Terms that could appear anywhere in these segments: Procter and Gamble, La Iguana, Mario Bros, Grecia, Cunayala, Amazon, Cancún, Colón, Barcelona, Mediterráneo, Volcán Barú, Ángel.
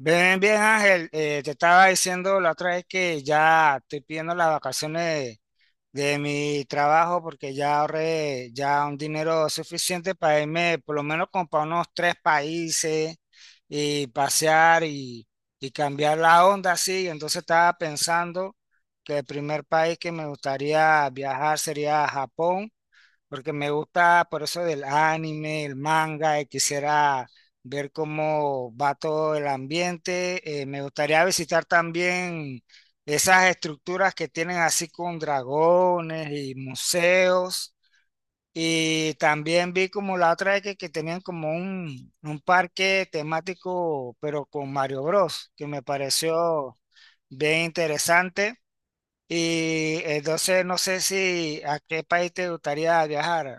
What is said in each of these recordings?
Bien, bien, Ángel. Te estaba diciendo la otra vez que ya estoy pidiendo las vacaciones de mi trabajo porque ya ahorré ya un dinero suficiente para irme por lo menos como para unos tres países y pasear y cambiar la onda así. Entonces estaba pensando que el primer país que me gustaría viajar sería Japón porque me gusta por eso del anime, el manga, y quisiera ver cómo va todo el ambiente. Me gustaría visitar también esas estructuras que tienen así con dragones y museos. Y también vi como la otra vez que tenían como un parque temático, pero con Mario Bros, que me pareció bien interesante. Y entonces no sé si a qué país te gustaría viajar.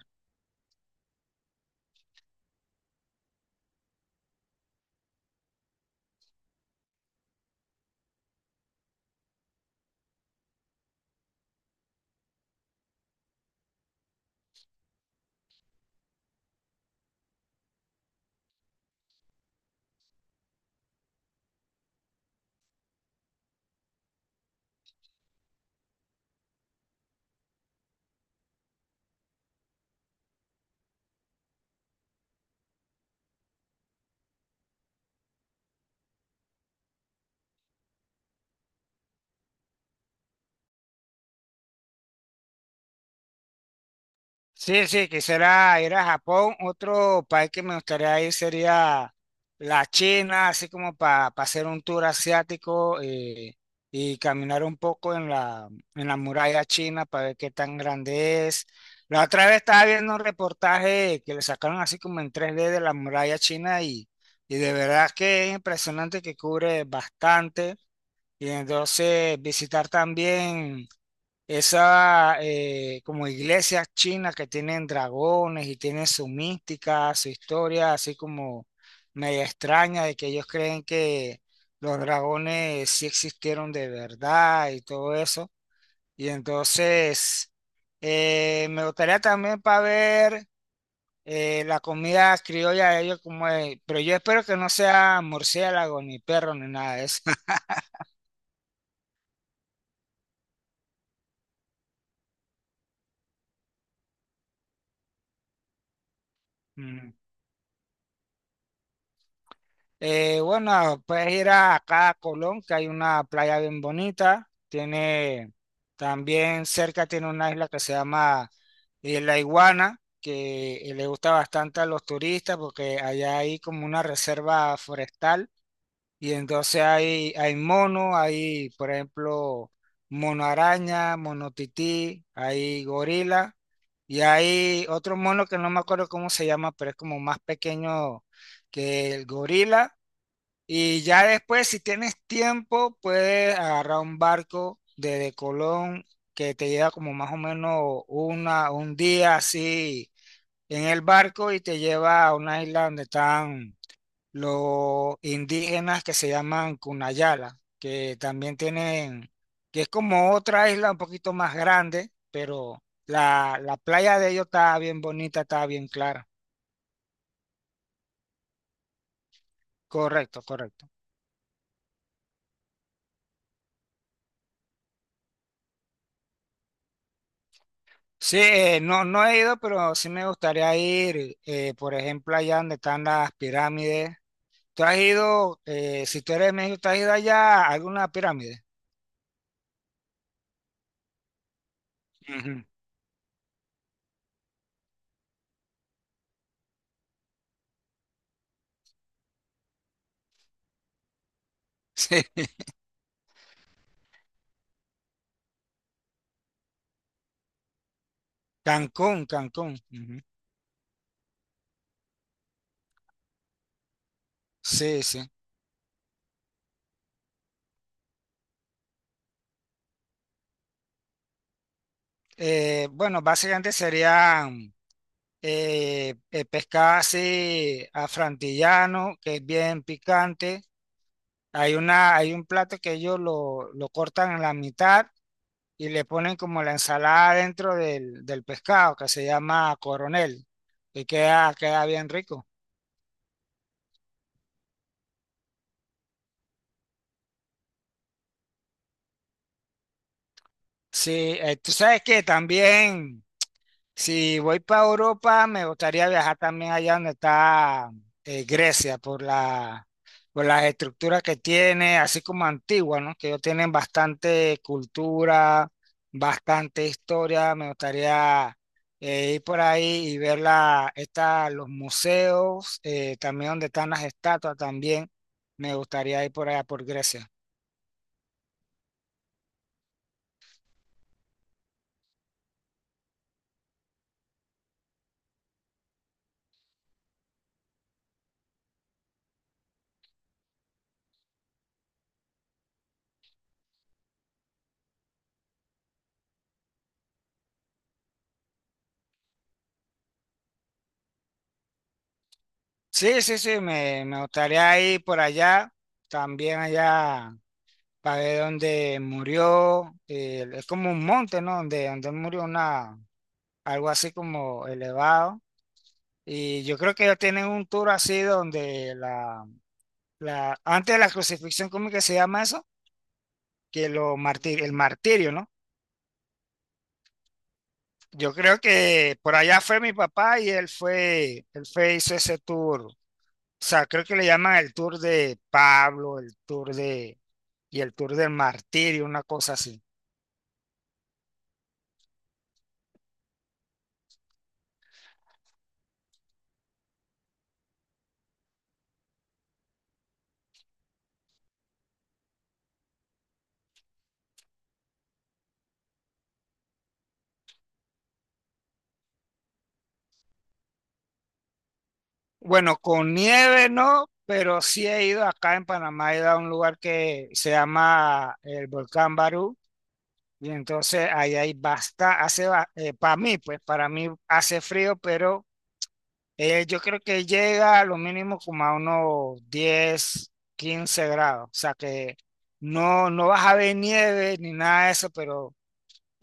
Sí, sí, quisiera ir a Japón. Otro país que me gustaría ir sería la China, así como para hacer un tour asiático y caminar un poco en la muralla china para ver qué tan grande es. La otra vez estaba viendo un reportaje que le sacaron así como en 3D de la muralla china y de verdad que es impresionante que cubre bastante. Y entonces visitar también... Esa como iglesias chinas que tienen dragones y tienen su mística, su historia, así como media extraña de que ellos creen que los dragones sí existieron de verdad y todo eso. Y entonces me gustaría también para ver la comida criolla de ellos como es, pero yo espero que no sea murciélago ni perro ni nada de eso. Bueno, puedes ir acá a Colón, que hay una playa bien bonita. Tiene también cerca tiene una isla que se llama La Iguana, que le gusta bastante a los turistas porque allá hay como una reserva forestal y entonces hay mono, hay por ejemplo mono araña, mono tití, hay gorila y hay otro mono que no me acuerdo cómo se llama, pero es como más pequeño que el gorila y ya después, si tienes tiempo, puedes agarrar un barco desde Colón que te lleva como más o menos una, un día así en el barco y te lleva a una isla donde están los indígenas que se llaman Cunayala, que también tienen, que es como otra isla un poquito más grande, pero la playa de ellos está bien bonita, está bien clara. Correcto, correcto. Sí, no, no he ido, pero sí me gustaría ir, por ejemplo, allá donde están las pirámides. ¿Tú has ido, si tú eres de México, tú has ido allá a alguna pirámide? Ujú. Sí, Cancún, Cancún. Ujú. Sí, sí. Bueno, básicamente serían pescado así afrantillano, que es bien picante. Hay una, hay un plato que ellos lo cortan en la mitad y le ponen como la ensalada dentro del pescado que se llama coronel y queda bien rico. Sí, tú sabes que también si voy para Europa, me gustaría viajar también allá donde está Grecia, por la, por las estructuras que tiene, así como antigua, ¿no? Que ellos tienen bastante cultura, bastante historia. Me gustaría ir por ahí y ver los museos, también donde están las estatuas también. Me gustaría ir por allá, por Grecia. Sí, sí, sí, me gustaría ir por allá, también allá. Para ver dónde murió. Es como un monte, ¿no? Donde murió una, algo así como elevado. Y yo creo que ellos tienen un tour así donde antes de la crucifixión, ¿cómo que se llama eso? Que el martirio, ¿no? Yo creo que por allá fue mi papá y él fue, hizo ese tour. O sea, creo que le llaman el tour de Pablo, y el tour del martirio, una cosa así. Bueno, con nieve no, pero sí he ido acá en Panamá, he ido a un lugar que se llama el Volcán Barú, y entonces ahí hay basta, hace, para mí, pues para mí hace frío, pero yo creo que llega a lo mínimo como a unos 10, 15 grados, o sea que no, no vas a ver nieve ni nada de eso, pero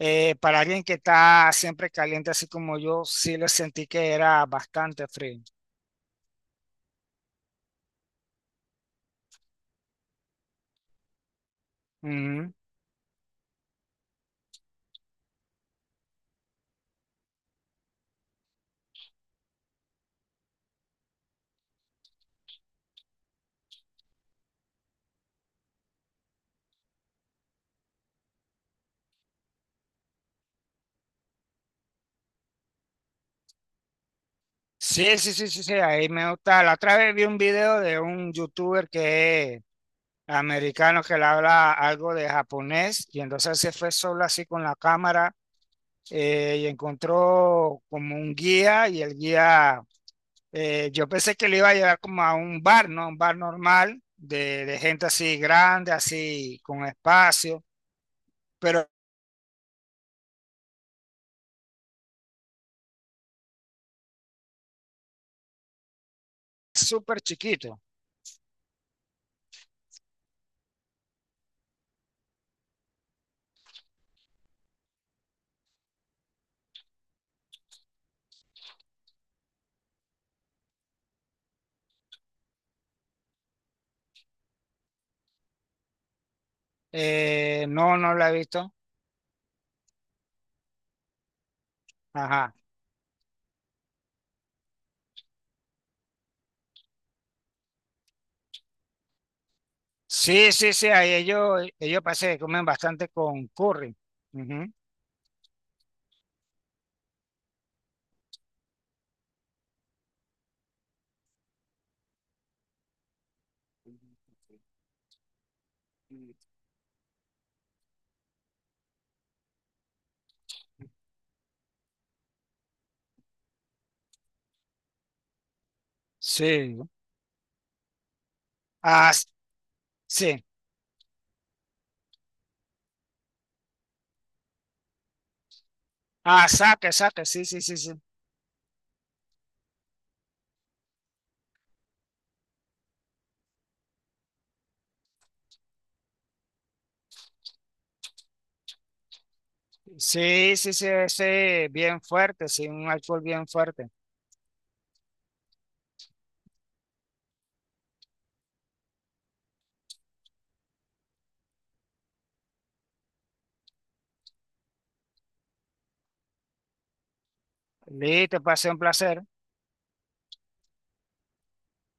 para alguien que está siempre caliente así como yo, sí le sentí que era bastante frío. Sí, sí, sí, sí, sí, ahí me gusta. La otra vez vi un video de un youtuber que es americano que le habla algo de japonés y entonces se fue solo así con la cámara y encontró como un guía y el guía, yo pensé que le iba a llevar como a un bar, ¿no? Un bar normal de gente así grande, así con espacio, pero es súper chiquito. No, no lo he visto. Ajá. Sí, sí, sí, ahí ellos parece que comen bastante con curry. Ujú. Sí. Ah, sí. Ah, saque, saque, sí, sí, sí, sí. Sí, sí, sí, ese bien fuerte, sí, un alcohol bien fuerte. Listo, pasé un placer.